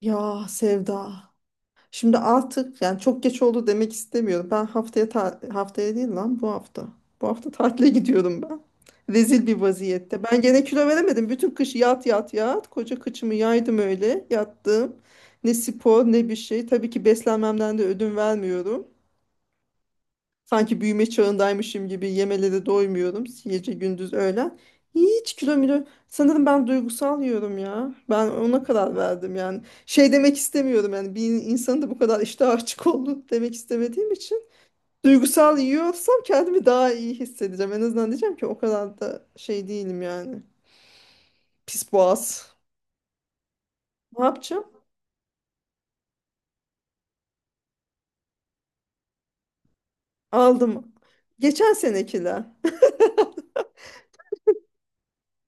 Ya Sevda. Şimdi artık yani çok geç oldu demek istemiyorum. Ben haftaya haftaya değil lan bu hafta. Bu hafta tatile gidiyorum ben. Rezil bir vaziyette. Ben gene kilo veremedim. Bütün kış yat yat yat. Koca kıçımı yaydım öyle. Yattım. Ne spor ne bir şey. Tabii ki beslenmemden de ödün vermiyorum. Sanki büyüme çağındaymışım gibi yemelere doymuyorum. Gece gündüz öğlen. Hiç kilo milo. Sanırım ben duygusal yiyorum ya. Ben ona karar verdim yani. Şey demek istemiyorum yani bir insanın da bu kadar iştah açık olduğunu demek istemediğim için. Duygusal yiyorsam kendimi daha iyi hissedeceğim. En azından diyeceğim ki o kadar da şey değilim yani. Pis boğaz. Ne yapacağım? Aldım. Geçen senekiler.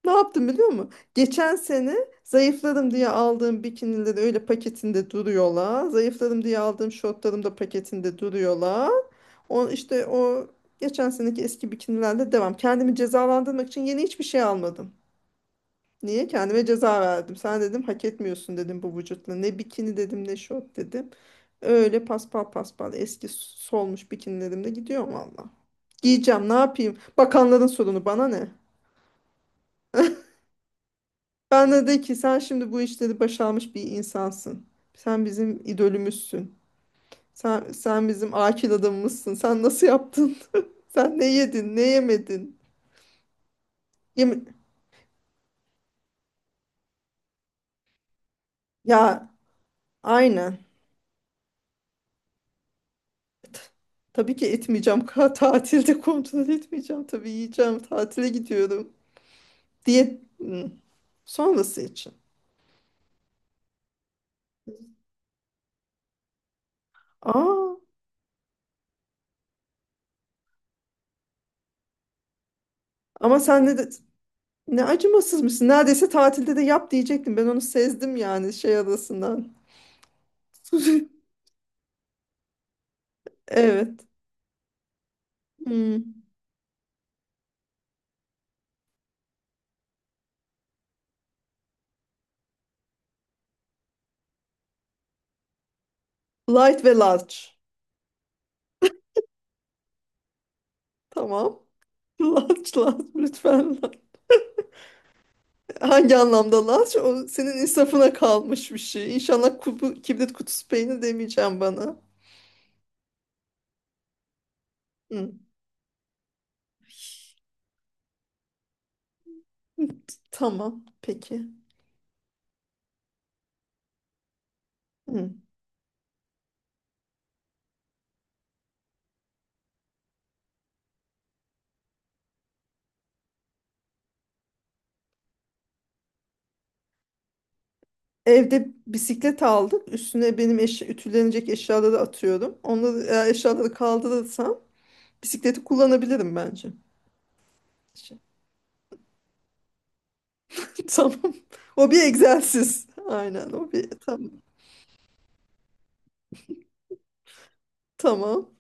Ne yaptım biliyor musun? Geçen sene zayıfladım diye aldığım bikinileri öyle paketinde duruyorlar. Zayıfladım diye aldığım şortlarım da paketinde duruyorlar. O işte o geçen seneki eski bikinilerle devam. Kendimi cezalandırmak için yeni hiçbir şey almadım. Niye? Kendime ceza verdim. Sen dedim hak etmiyorsun dedim bu vücutla. Ne bikini dedim ne şort dedim. Öyle paspal paspal eski solmuş bikinilerimle gidiyorum valla. Giyeceğim ne yapayım? Bakanların sorunu bana ne? Bana de ki sen şimdi bu işleri başarmış bir insansın. Sen bizim idolümüzsün. Sen bizim akil adamımızsın. Sen nasıl yaptın? Sen ne yedin, ne yemedin? Yeme- Ya, aynen. T- Tabii ki etmeyeceğim. Tatilde kontrol etmeyeceğim. Tabii yiyeceğim. Tatile gidiyorum. Diyet sonrası için. Aa, ama sen ne acımasızmışsın. Neredeyse tatilde de yap diyecektim. Ben onu sezdim yani şey arasından. Evet. Hmm. Light ve large. Tamam. Large, large lütfen. Large. Hangi anlamda large? O senin insafına kalmış bir şey. İnşallah kibrit kutusu peynir demeyeceğim bana. Hmm. Tamam. Peki. Hmm. Evde bisiklet aldık. Üstüne benim ütülenecek eşyaları atıyorum. Onları eğer eşyaları kaldırırsam bisikleti kullanabilirim bence. Şey. Tamam. O bir egzersiz. Aynen o bir. Tamam. Tamam.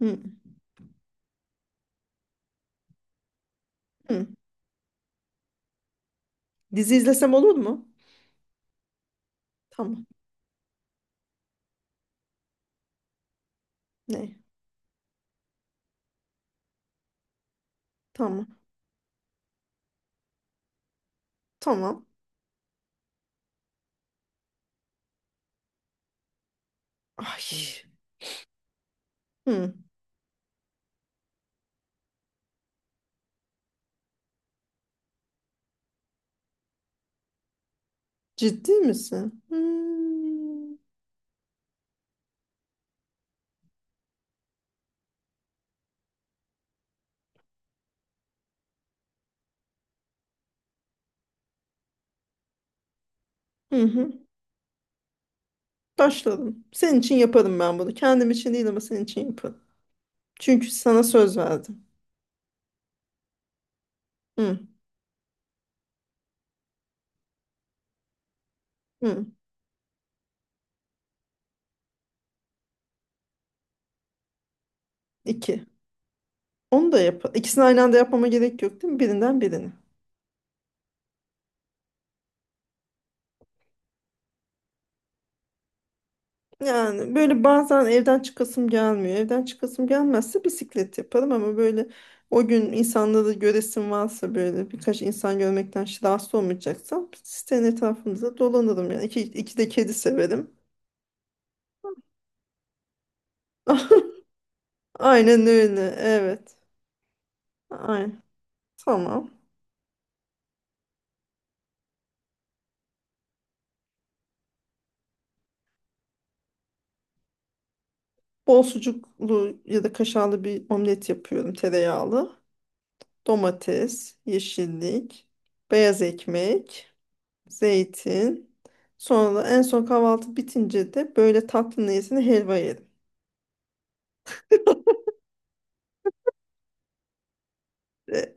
Hmm. Hmm. Dizi izlesem olur mu? Tamam. Ne? Tamam. Tamam. Ay. Hı. Ciddi misin? Hmm. Hı hı. Başladım. Senin için yaparım ben bunu. Kendim için değil ama senin için yaparım. Çünkü sana söz verdim. Hı. Hı. İki. Onu da yap. İkisini aynı anda yapmama gerek yok değil mi? Birinden birini. Yani böyle bazen evden çıkasım gelmiyor. Evden çıkasım gelmezse bisiklet yaparım ama böyle o gün insanları göresim varsa böyle birkaç insan görmekten rahatsız olmayacaksam sitenin etrafımızda dolanırım yani. İki, iki de kedi severim. Aynen öyle. Evet. Ay, tamam. Bol sucuklu ya da kaşarlı bir omlet yapıyorum tereyağlı. Domates, yeşillik, beyaz ekmek, zeytin. Sonra da en son kahvaltı bitince de böyle tatlı niyetine helva yedim. E,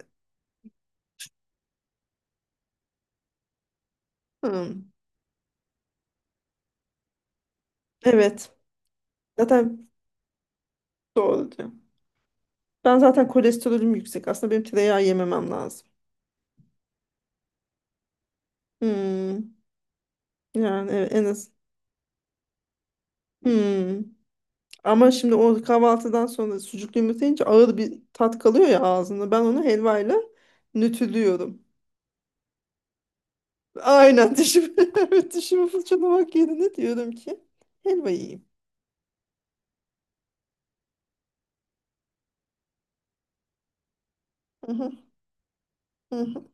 hmm, evet. Zaten doğru diyor. Ben zaten kolesterolüm yüksek. Aslında benim tereyağı yememem lazım. Hmm, yani evet, en az. Hmm. Ama şimdi o kahvaltıdan sonra sucuklu yumurta yiyince ağır bir tat kalıyor ya ağzında. Ben onu helvayla nötrlüyorum. Aynen dişimi, evet, dişimi fırçalamak yerine diyorum ki helva yiyeyim. Hı hı, hı hı.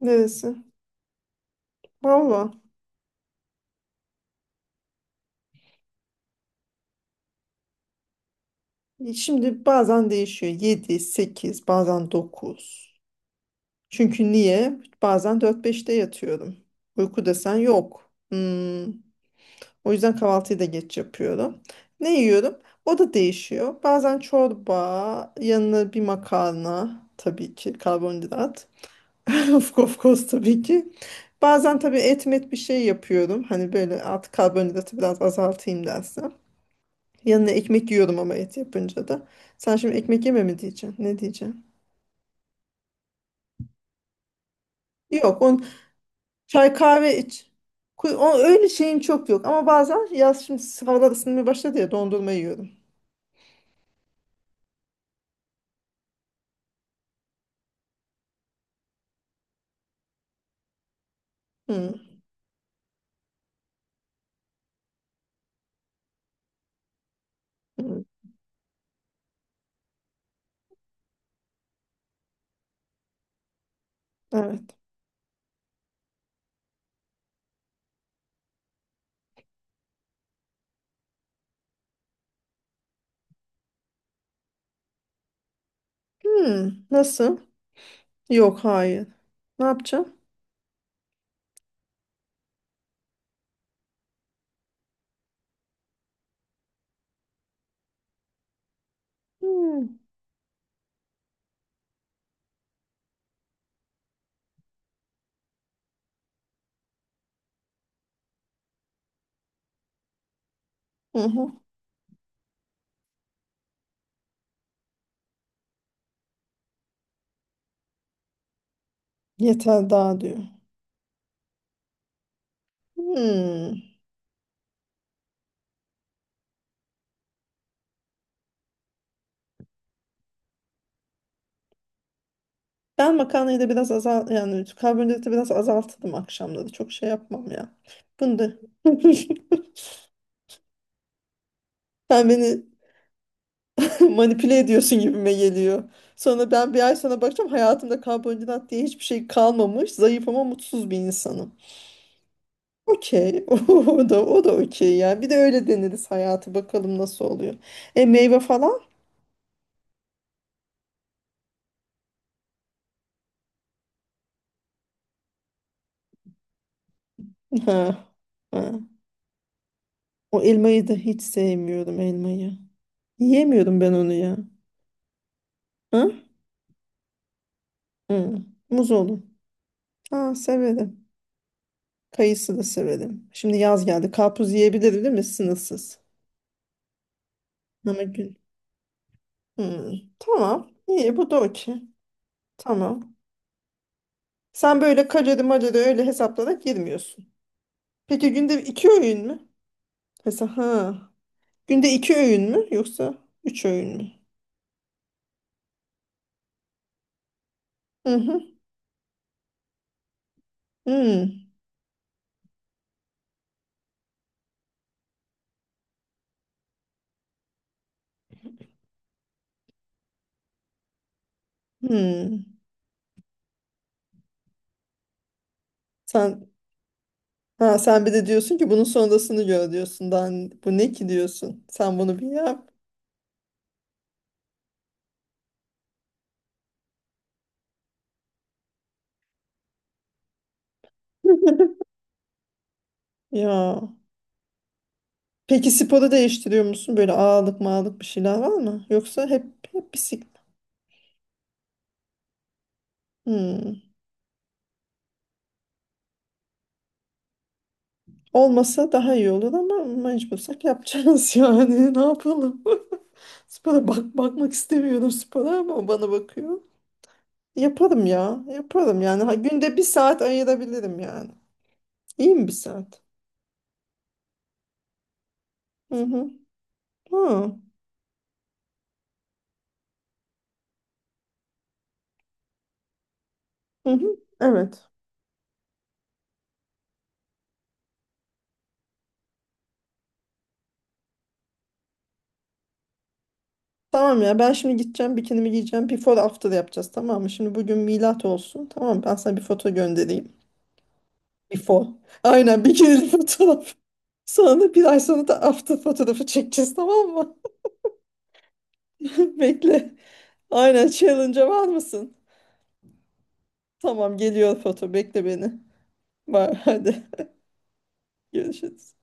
Neresi? Valla şimdi bazen değişiyor. Yedi sekiz, bazen dokuz. Çünkü niye? Bazen dört beşte yatıyorum. Uyku desen yok. Hmm. O yüzden kahvaltıyı da geç yapıyorum. Ne yiyorum? O da değişiyor. Bazen çorba, yanına bir makarna, tabii ki karbonhidrat. Of, of course, tabii ki. Bazen tabii et met bir şey yapıyorum. Hani böyle artık karbonhidratı biraz azaltayım dersen. Yanına ekmek yiyorum ama et yapınca da. Sen şimdi ekmek yeme mi diyeceksin? Ne diyeceksin? Yok, on çay kahve iç. O, öyle şeyim çok yok ama bazen yaz şimdi havalar ısınmaya başladı ya dondurma yiyorum. Hmm, hmm, evet. Hmm, nasıl? Yok, hayır. Ne yapacağım? Hmm, hı hı. Yeter daha diyor. Hmm. Ben makarnayı da biraz yani karbonhidratı biraz azalttım akşamları. Çok şey yapmam ya. Bunu da sen beni manipüle ediyorsun gibime geliyor. Sonra ben bir ay sonra bakacağım hayatımda karbonhidrat diye hiçbir şey kalmamış. Zayıf ama mutsuz bir insanım. Okey. O da o da okey yani. Bir de öyle deneriz hayatı bakalım nasıl oluyor. E, meyve falan? Ha. Ha. O elmayı da hiç sevmiyorum elmayı. Yiyemiyorum ben onu ya. Ha? Hı. Muz olur. Ha, severim. Kayısı da severim. Şimdi yaz geldi. Karpuz yiyebilirim değil mi? Sınırsız. Ama gün. Hı. Tamam. İyi, bu da okey. Tamam. Sen böyle kalori malori öyle hesaplarak girmiyorsun. Peki günde iki öğün mü? Mesela ha. Günde iki öğün mü yoksa üç öğün mü? Hı hı. Hmm. Hmm. Sen ha, sen bir de diyorsun ki bunun sonrasını gör diyorsun. Daha bu ne ki diyorsun. Sen bunu bir yap. Ya. Peki sporu değiştiriyor musun? Böyle ağırlık mağırlık bir şeyler var mı? Yoksa hep, bisiklet. Hmm. Olmasa daha iyi olur ama mecbursak yapacağız yani. Ne yapalım? Spora bakmak istemiyorum spora ama o bana bakıyor. Yaparım ya. Yaparım yani. Ha, günde bir saat ayırabilirim yani. İyi mi bir saat? Hı hı. Ha. Hı hı. Evet. Tamam ya, ben şimdi gideceğim bikinimi giyeceğim. Before after yapacağız, tamam mı? Şimdi bugün milat olsun. Tamam mı? Ben sana bir foto göndereyim. Before. Aynen bikinili fotoğraf. Sonra bir ay sonra da after fotoğrafı çekeceğiz, tamam mı? Bekle. Aynen challenge'a var mısın? Tamam, geliyor foto. Bekle beni. Var hadi. Görüşürüz.